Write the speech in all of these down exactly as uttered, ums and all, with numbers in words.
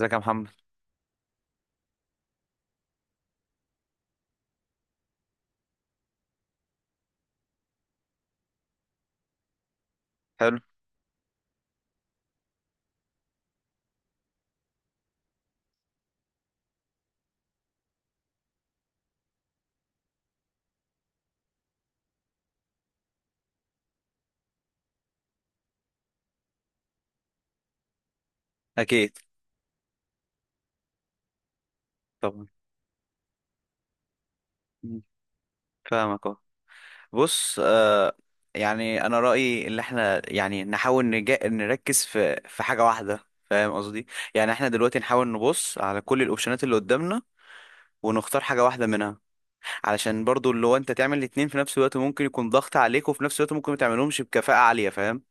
ازيك يا محمد؟ حلو. اكيد. طبعا. مم. فاهمك اهو. بص، آه يعني انا رايي اللي احنا يعني نحاول نجا... نركز في في حاجه واحده. فاهم قصدي؟ يعني احنا دلوقتي نحاول نبص على كل الاوبشنات اللي قدامنا ونختار حاجه واحده منها، علشان برضو اللي هو انت تعمل الاتنين في نفس الوقت ممكن يكون ضغط عليك وفي نفس الوقت ممكن ما تعملهمش بكفاءه عاليه. فاهم؟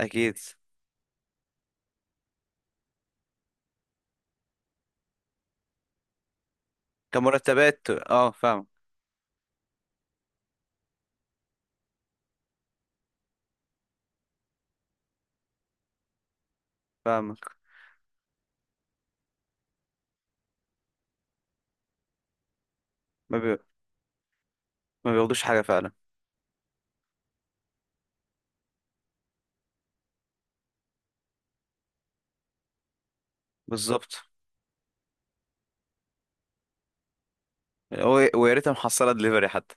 اكيد. كمرتبات، اه فاهم. فاهمك. ما, بي... ما بياخدوش حاجه فعلا. بالظبط. و- ويا ريتها محصله دليفري حتى.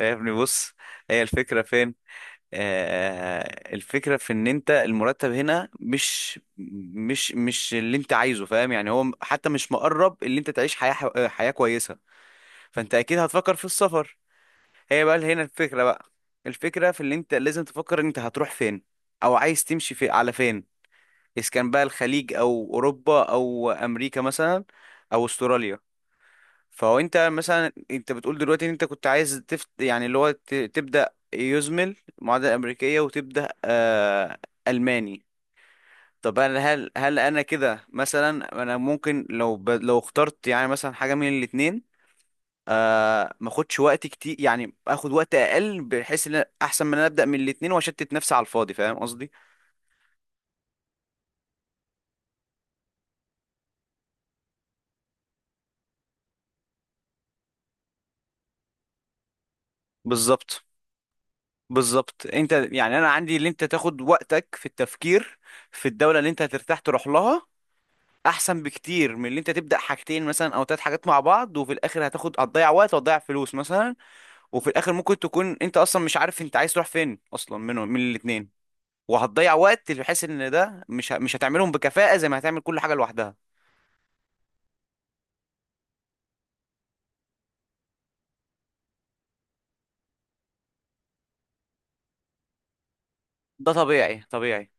يا ابني، بص. هي الفكرة فين؟ آه الفكرة في ان انت المرتب هنا مش مش مش اللي انت عايزه. فاهم؟ يعني هو حتى مش مقرب اللي انت تعيش حياة حياة كويسة. فانت اكيد هتفكر في السفر. هي بقى هنا الفكرة بقى. الفكرة في اللي انت لازم تفكر انت هتروح فين؟ او عايز تمشي في على فين؟ اذا كان بقى الخليج او اوروبا او امريكا مثلا، او استراليا. فهو انت مثلا انت بتقول دلوقتي ان انت كنت عايز تفت، يعني اللي هو ت- تبدأ يزمل معادلة أمريكية، وتبدأ آه ألماني. طب انا هل هل انا كده مثلا انا ممكن لو ب... لو اخترت يعني مثلا حاجة من الاتنين، آه ما اخدش وقت كتير، يعني اخد وقت اقل بحيث ان انا- احسن من انا ابدأ من الاتنين واشتت نفسي على الفاضي. فاهم قصدي؟ بالظبط، بالظبط. انت يعني انا عندي اللي انت تاخد وقتك في التفكير في الدولة اللي انت هترتاح تروح لها، احسن بكتير من اللي انت تبدا حاجتين مثلا او ثلاث حاجات مع بعض وفي الاخر هتاخد هتضيع وقت وهتضيع فلوس مثلا. وفي الاخر ممكن تكون انت اصلا مش عارف انت عايز تروح فين اصلا منهم من الاثنين، وهتضيع وقت بحيث ان ده مش ه... مش هتعملهم بكفاءة زي ما هتعمل كل حاجة لوحدها. ده طبيعي، طبيعي.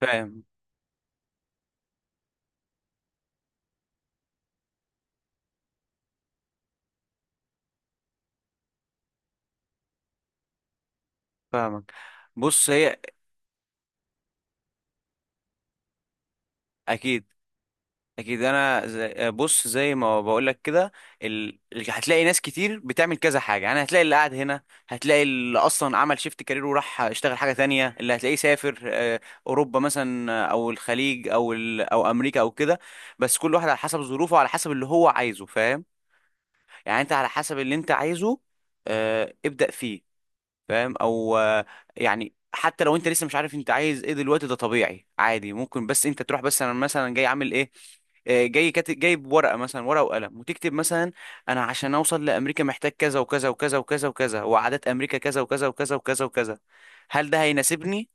فاهم؟ فاهمك. بص. هي. اكيد، اكيد. انا زي بص زي ما بقول لك كده. ال... ال- هتلاقي ناس كتير بتعمل كذا حاجه، يعني هتلاقي اللي قاعد هنا، هتلاقي اللي اصلا عمل شيفت كارير وراح اشتغل حاجه تانية، اللي هتلاقيه سافر آه، اوروبا مثلا، آه، او الخليج او ال... او امريكا او كده. بس كل واحد على حسب ظروفه وعلى حسب اللي هو عايزه. فاهم؟ يعني انت على حسب اللي انت عايزه، آه، ابدأ فيه. فاهم؟ او آه، يعني حتى لو انت لسه مش عارف انت عايز ايه دلوقتي، ده طبيعي عادي، ممكن بس انت تروح. بس انا مثلا جاي عامل ايه؟ آه، جاي كاتب جايب ورقه مثلا، ورقه وقلم وتكتب مثلا. انا عشان اوصل لامريكا محتاج كذا وكذا وكذا وكذا وكذا، وعادات امريكا كذا وكذا وكذا وكذا وكذا. هل ده هيناسبني؟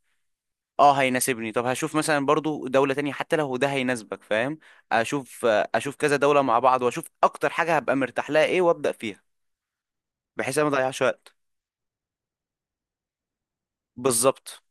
اه هيناسبني. طب هشوف مثلا برضو دولة تانية حتى لو ده هيناسبك. فاهم؟ اشوف آه، اشوف كذا دولة مع بعض واشوف اكتر حاجة هبقى مرتاح لها ايه وابدأ فيها. بحيث أنا ما اضيعش وقت. بالظبط،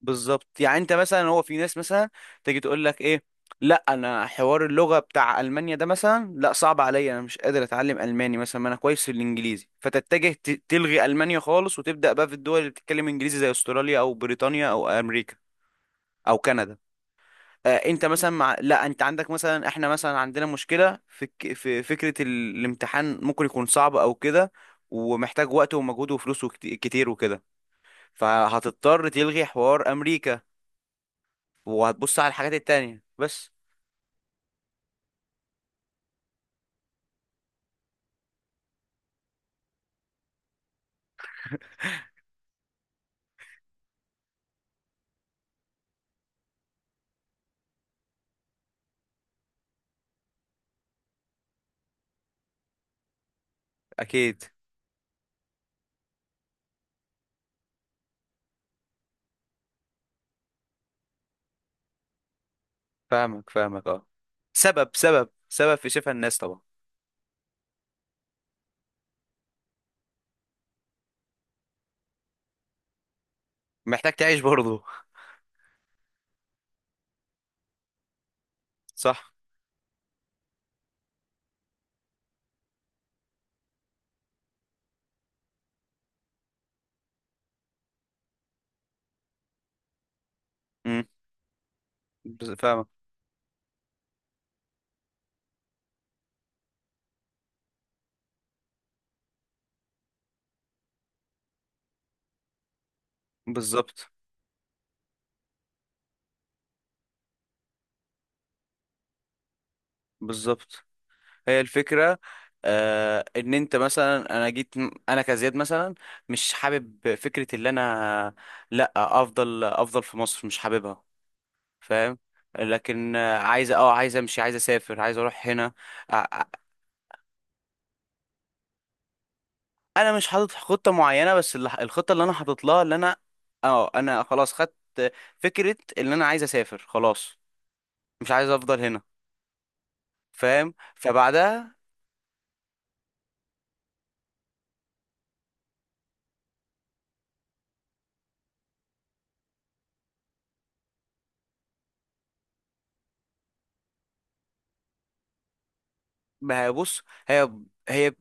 بالظبط. يعني انت مثلا هو في ناس مثلا تيجي تقول لك ايه، لا انا حوار اللغه بتاع المانيا ده مثلا، لا صعب عليا، انا مش قادر اتعلم الماني مثلا، ما انا كويس في الانجليزي. فتتجه ت- تلغي المانيا خالص وتبدا بقى في الدول اللي بتتكلم انجليزي زي استراليا او بريطانيا او امريكا او كندا. آه انت مثلا مع... لا انت عندك مثلا، احنا مثلا عندنا مشكله في الك- في فكره ال- الامتحان، ممكن يكون صعب او كده، ومحتاج وقت ومجهود وفلوس وكت- كتير وكده. فهتضطر تلغي حوار امريكا وهتبص على الحاجات التانية بس. اكيد. فاهمك، فاهمك، اه. سبب، سبب، سبب في شفا الناس طبعا. محتاج تعيش برضه. صح. امم بز- فاهمك. بالظبط، بالظبط. هي الفكرة، آه ان انت مثلا انا جيت، انا كزياد مثلا مش حابب فكرة اللي انا لا افضل افضل في مصر، مش حاببها. فاهم؟ لكن آه، عايز اه عايز امشي، عايز اسافر، عايز اروح هنا. انا مش حاطط خطه معينه، بس اللي- الخطه اللي انا حاطط لها اللي انا، اه انا خلاص خدت فكره ان انا عايز اسافر خلاص، مش عايز افضل هنا. فاهم؟ فبعدها. ما هي بص. هي هي ب-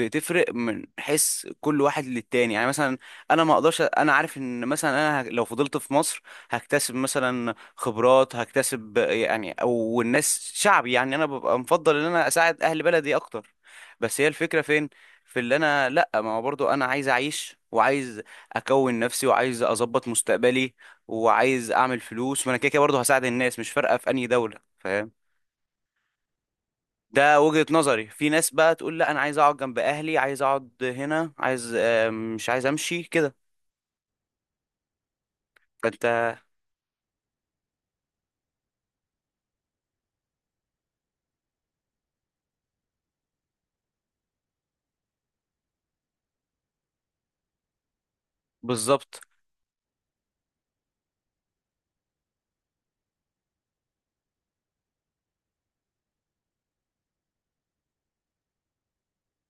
بتفرق من حيث كل واحد للتاني. يعني مثلا انا ما اقدرش. انا عارف ان مثلا انا هك- لو فضلت في مصر هكتسب مثلا خبرات هكتسب، يعني او الناس شعبي، يعني انا ببقى مفضل ان انا اساعد اهل بلدي اكتر. بس هي الفكرة فين؟ في اللي انا لا، ما هو برضو انا عايز اعيش وعايز اكون نفسي وعايز اظبط مستقبلي وعايز اعمل فلوس. وانا كده كده برضو هساعد الناس، مش فارقة في انهي دولة. فاهم؟ ده وجهة نظري. في ناس بقى تقول لا انا عايز اقعد جنب اهلي، عايز اقعد هنا، عايز آه، مش عايز امشي كده. فانت. بالظبط،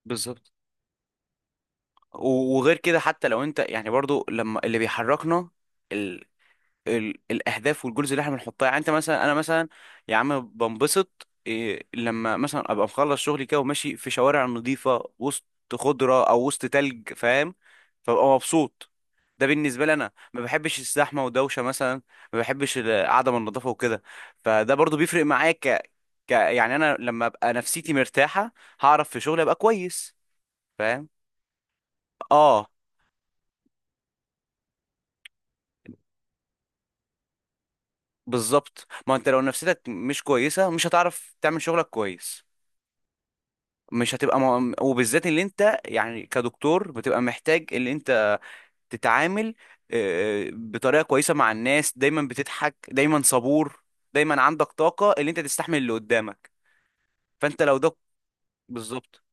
بالظبط. و- وغير كده حتى لو انت يعني برضو لما اللي بيحركنا، ال... الاهداف والجولز اللي احنا بنحطها، يعني انت مثلا، انا مثلا، يا عم بنبسط إيه لما مثلا ابقى مخلص شغلي كده وماشي في شوارع نظيفه، وسط خضره او وسط تلج. فاهم؟ فببقى مبسوط. ده بالنسبه لي، انا ما بحبش الزحمه ودوشه مثلا. ما بحبش ال- عدم النظافه وكده. فده برضو بيفرق معايا، ك... ك يعني انا لما ابقى نفسيتي مرتاحه هعرف في شغلي ابقى كويس. فاهم؟ اه. بالظبط، ما انت لو نفسيتك مش كويسه مش هتعرف تعمل شغلك كويس. مش هتبقى م... وبالذات اللي انت يعني كدكتور بتبقى محتاج اللي انت تتعامل آه، بطريقة كويسة مع الناس، دايما بتضحك، دايما صبور، دايما عندك طاقة اللي انت تستحمل اللي قدامك. فانت لو ده. بالظبط،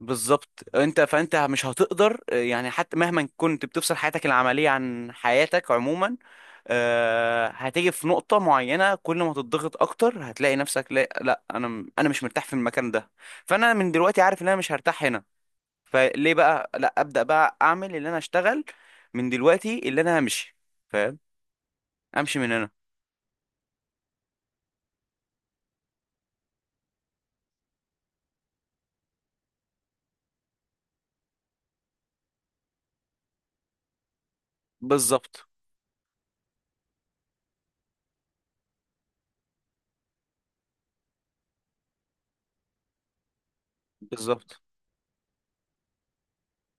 بالظبط. انت فانت مش هتقدر، آه، يعني حتى مهما كنت بتفصل حياتك العملية عن حياتك عموما، آه، هتيجي في نقطة معينة كل ما تضغط أكتر هتلاقي نفسك لا, لا، أنا أنا مش مرتاح في المكان ده. فأنا من دلوقتي عارف إن أنا مش هرتاح هنا. فليه بقى لا ابدا بقى اعمل اللي انا اشتغل من دلوقتي اللي انا همشي؟ فاهم؟ امشي من هنا. بالظبط، بالظبط،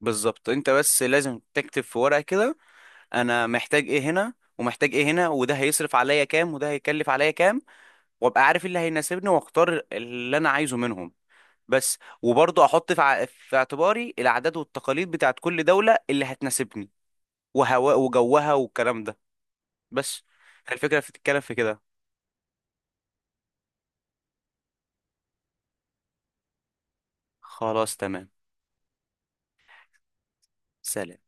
بالظبط. انت بس لازم تكتب في ورقه كده، انا محتاج ايه هنا ومحتاج ايه هنا، وده هيصرف عليا كام وده هيكلف عليا كام. وابقى عارف إيه اللي هيناسبني واختار اللي انا عايزه منهم. بس وبرضه احط في, ع... في اعتباري العادات والتقاليد بتاعت كل دوله اللي هتناسبني، وهواء وجوها والكلام ده. بس. الفكره بتتكلم في كده. خلاص تمام. سلام.